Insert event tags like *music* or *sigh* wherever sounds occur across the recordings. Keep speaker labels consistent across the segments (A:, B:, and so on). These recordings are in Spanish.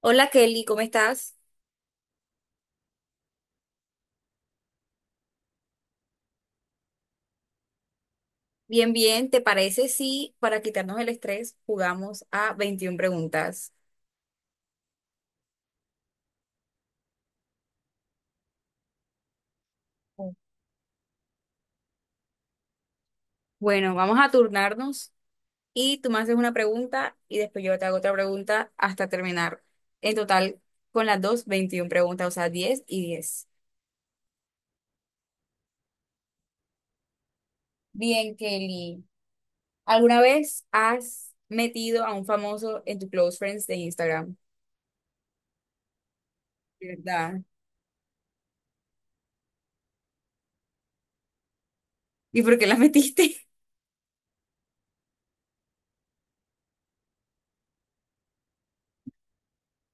A: Hola Kelly, ¿cómo estás? Bien, bien. ¿Te parece si para quitarnos el estrés jugamos a 21 preguntas? Bueno, vamos a turnarnos y tú me haces una pregunta y después yo te hago otra pregunta hasta terminar. En total, con las dos, 21 preguntas, o sea, diez y 10. Bien, Kelly. ¿Alguna vez has metido a un famoso en tu close friends de Instagram? ¿De ¿Verdad? ¿Y por qué la metiste?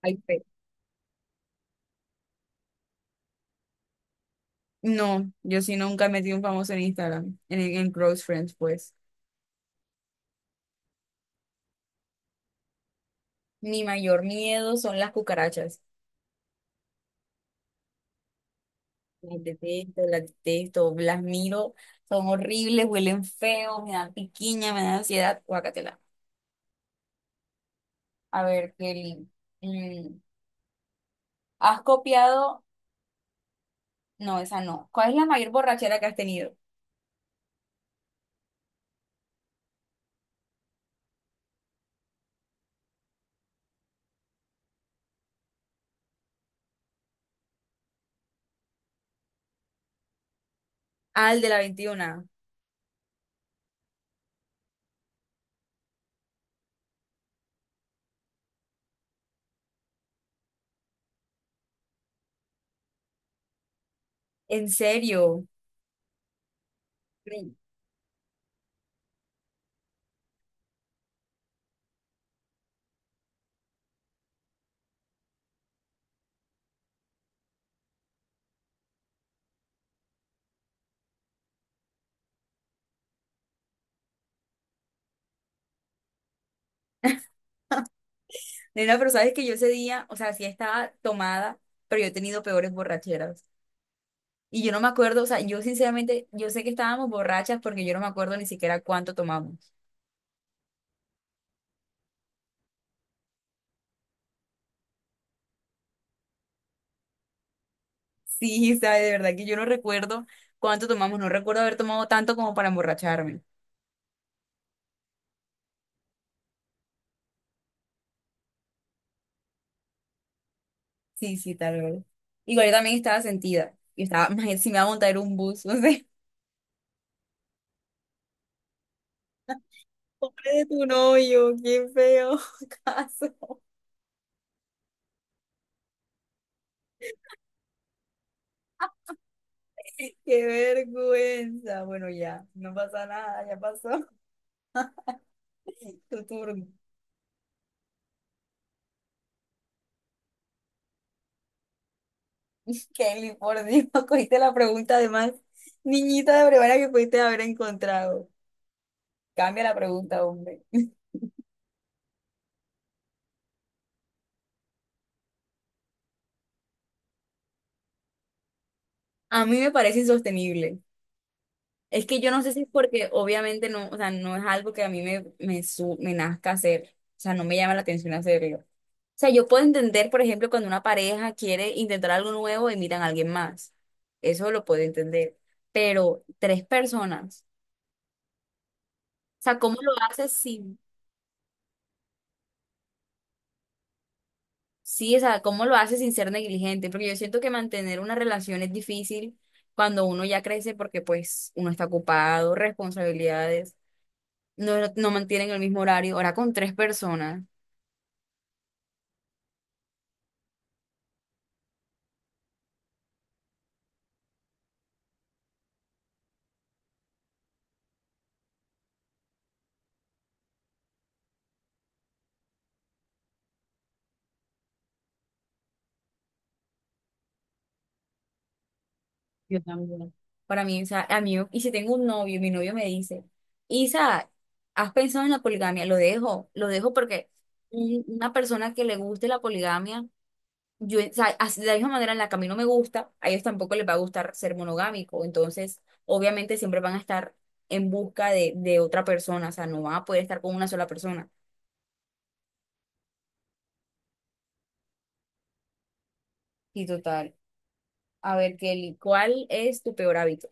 A: *laughs* Ay, no, yo sí nunca metí un famoso en Instagram, en Close Friends, pues. Mi mayor miedo son las cucarachas. Las detesto, las detesto, las miro, son horribles, huelen feo, me dan piquiña, me dan ansiedad. Guácatela. A ver, Kelly, mm, ¿has copiado? No, esa no. ¿Cuál es la mayor borrachera que has tenido? Ah, el de la veintiuna. ¿En serio? Mm. Nena, pero sabes que yo ese día, o sea, sí estaba tomada, pero yo he tenido peores borracheras. Y yo no me acuerdo, o sea, yo sinceramente, yo sé que estábamos borrachas porque yo no me acuerdo ni siquiera cuánto tomamos. Sí, sabe, de verdad que yo no recuerdo cuánto tomamos, no recuerdo haber tomado tanto como para emborracharme. Sí, sí, tal vez. Igual yo también estaba sentida. Yo estaba, "Maje, si me va a montar un bus", *laughs* no sé. Pobre de tu novio, qué feo *laughs* caso. Qué vergüenza. Bueno, ya, no pasa nada, ya pasó. *laughs* Tu turno. Kelly, por Dios, *laughs* cogiste la pregunta además. Niñita de brevaria que pudiste haber encontrado. Cambia la pregunta, hombre. A mí me parece insostenible. Es que yo no sé si es porque obviamente no, o sea, no es algo que a mí me nazca hacer. O sea, no me llama la atención hacerlo. O sea, yo puedo entender, por ejemplo, cuando una pareja quiere intentar algo nuevo y miran a alguien más. Eso lo puedo entender. Pero tres personas. O sea, ¿cómo lo haces si? Sí, o sea, ¿cómo lo hace sin ser negligente? Porque yo siento que mantener una relación es difícil cuando uno ya crece porque pues uno está ocupado, responsabilidades, no mantienen el mismo horario, ahora con tres personas. Yo también. Para mí, o sea, a mí, y si tengo un novio, mi novio me dice, Isa, ¿has pensado en la poligamia? Lo dejo porque una persona que le guste la poligamia. Yo, o sea, así- de la misma manera en la que a mí no me gusta, a ellos tampoco les va a gustar ser monogámico. Entonces, obviamente siempre van a estar en busca de otra persona, o sea, no van a poder estar con una sola persona. Y total. A ver, Kelly, ¿cuál es tu peor hábito?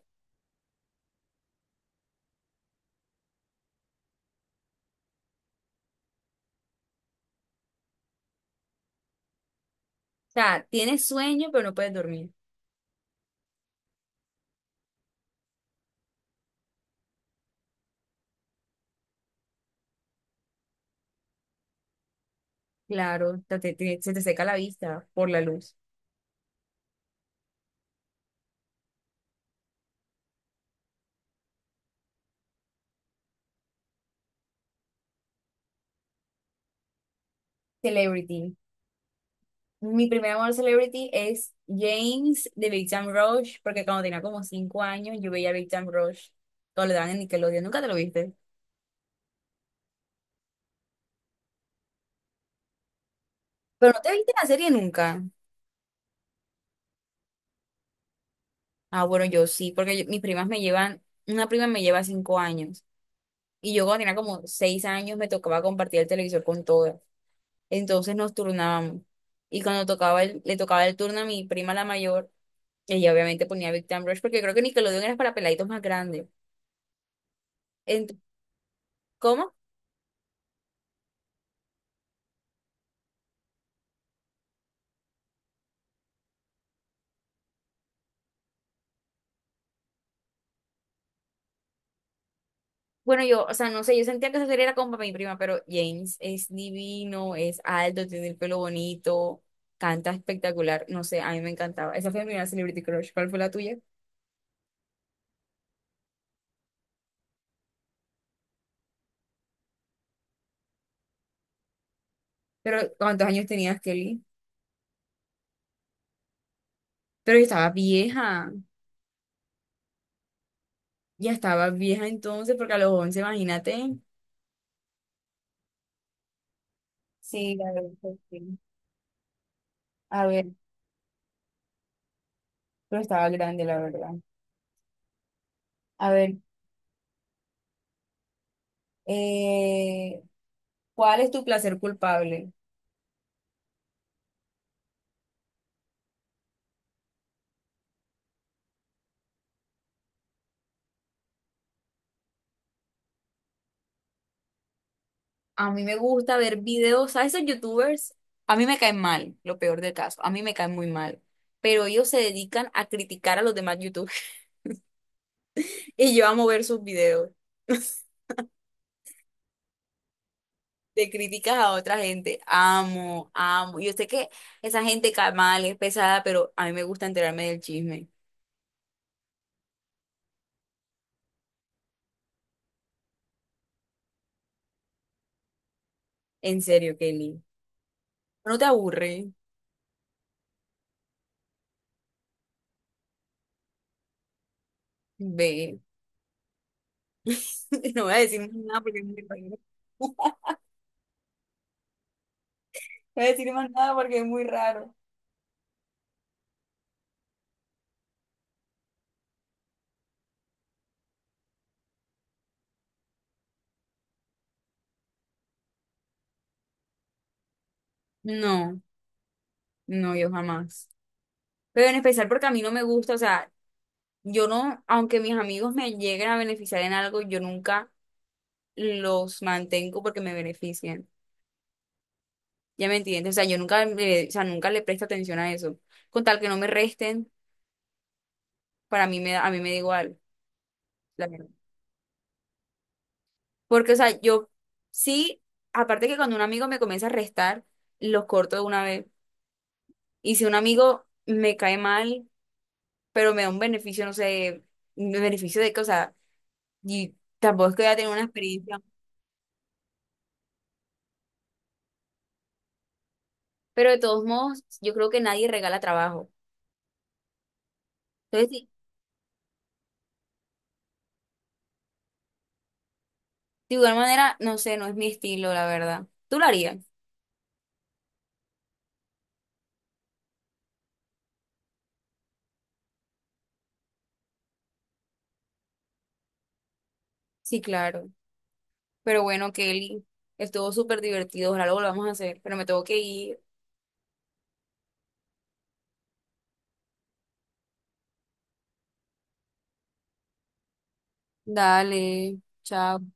A: O sea, tienes sueño, pero no puedes dormir. Claro, se te seca la vista por la luz. ¿Celebrity? Mi primer amor celebrity es James de Big Time Rush, porque cuando tenía como cinco años yo veía Big Time Rush, cuando le daban en Nickelodeon. ¿Nunca te lo viste? Pero no te viste la serie nunca. Ah, bueno, yo sí, porque yo- mis primas me llevan, una prima me lleva cinco años. Y yo cuando tenía como seis años me tocaba compartir el televisor con todas. Entonces nos turnábamos. Y cuando tocaba le tocaba el turno a mi prima la mayor, ella obviamente ponía Big Time Rush, porque creo que Nickelodeon era para peladitos más grandes. Ent- ¿cómo? Bueno, yo, o sea, no sé, yo sentía que esa serie era como para mi prima, pero James es divino, es alto, tiene el pelo bonito, canta espectacular. No sé, a mí me encantaba. Esa fue mi primera Celebrity Crush. ¿Cuál fue la tuya? Pero, ¿cuántos años tenías, Kelly? Pero yo estaba vieja, ya estaba vieja entonces, porque a los 11 imagínate. Sí, la verdad, que sí. A ver, pero estaba grande, la verdad. A ver, eh, ¿cuál es tu placer culpable? A mí me gusta ver videos, ¿sabes esos youtubers? A mí me caen mal, lo peor del caso, a mí me caen muy mal, pero ellos se dedican a criticar a los demás youtubers *laughs* y yo amo ver sus videos. *laughs* De críticas a otra gente. Amo, amo. Yo sé que esa gente ca- mal es pesada, pero a mí me gusta enterarme del chisme. En serio, Kelly. ¿No te aburre? Ve. *laughs* No voy a decir más nada porque es muy raro. *laughs* No voy a decir más nada porque es muy raro. No, no, yo jamás. Pero en especial porque a mí no me gusta, o sea, yo no, aunque mis amigos me lleguen a beneficiar en algo, yo nunca los mantengo porque me benefician. Ya me entiendes, o sea, yo nunca, le- o sea, nunca le presto atención a eso. Con tal que no me resten, para mí me da, a mí me da igual, la verdad. Porque, o sea, yo sí, aparte que cuando un amigo me comienza a restar, los corto de una vez. Y si un amigo me cae mal, pero me da un beneficio, no sé, un beneficio de que, o sea, y tampoco es que voy a tener una experiencia. Pero de todos modos, yo creo que nadie regala trabajo. Entonces, sí, de igual manera, no sé, no es mi estilo, la verdad. ¿Tú lo harías? Sí, claro. Pero bueno, Kelly, estuvo súper divertido, ojalá lo volvamos a hacer, pero me tengo que ir. Dale, chao.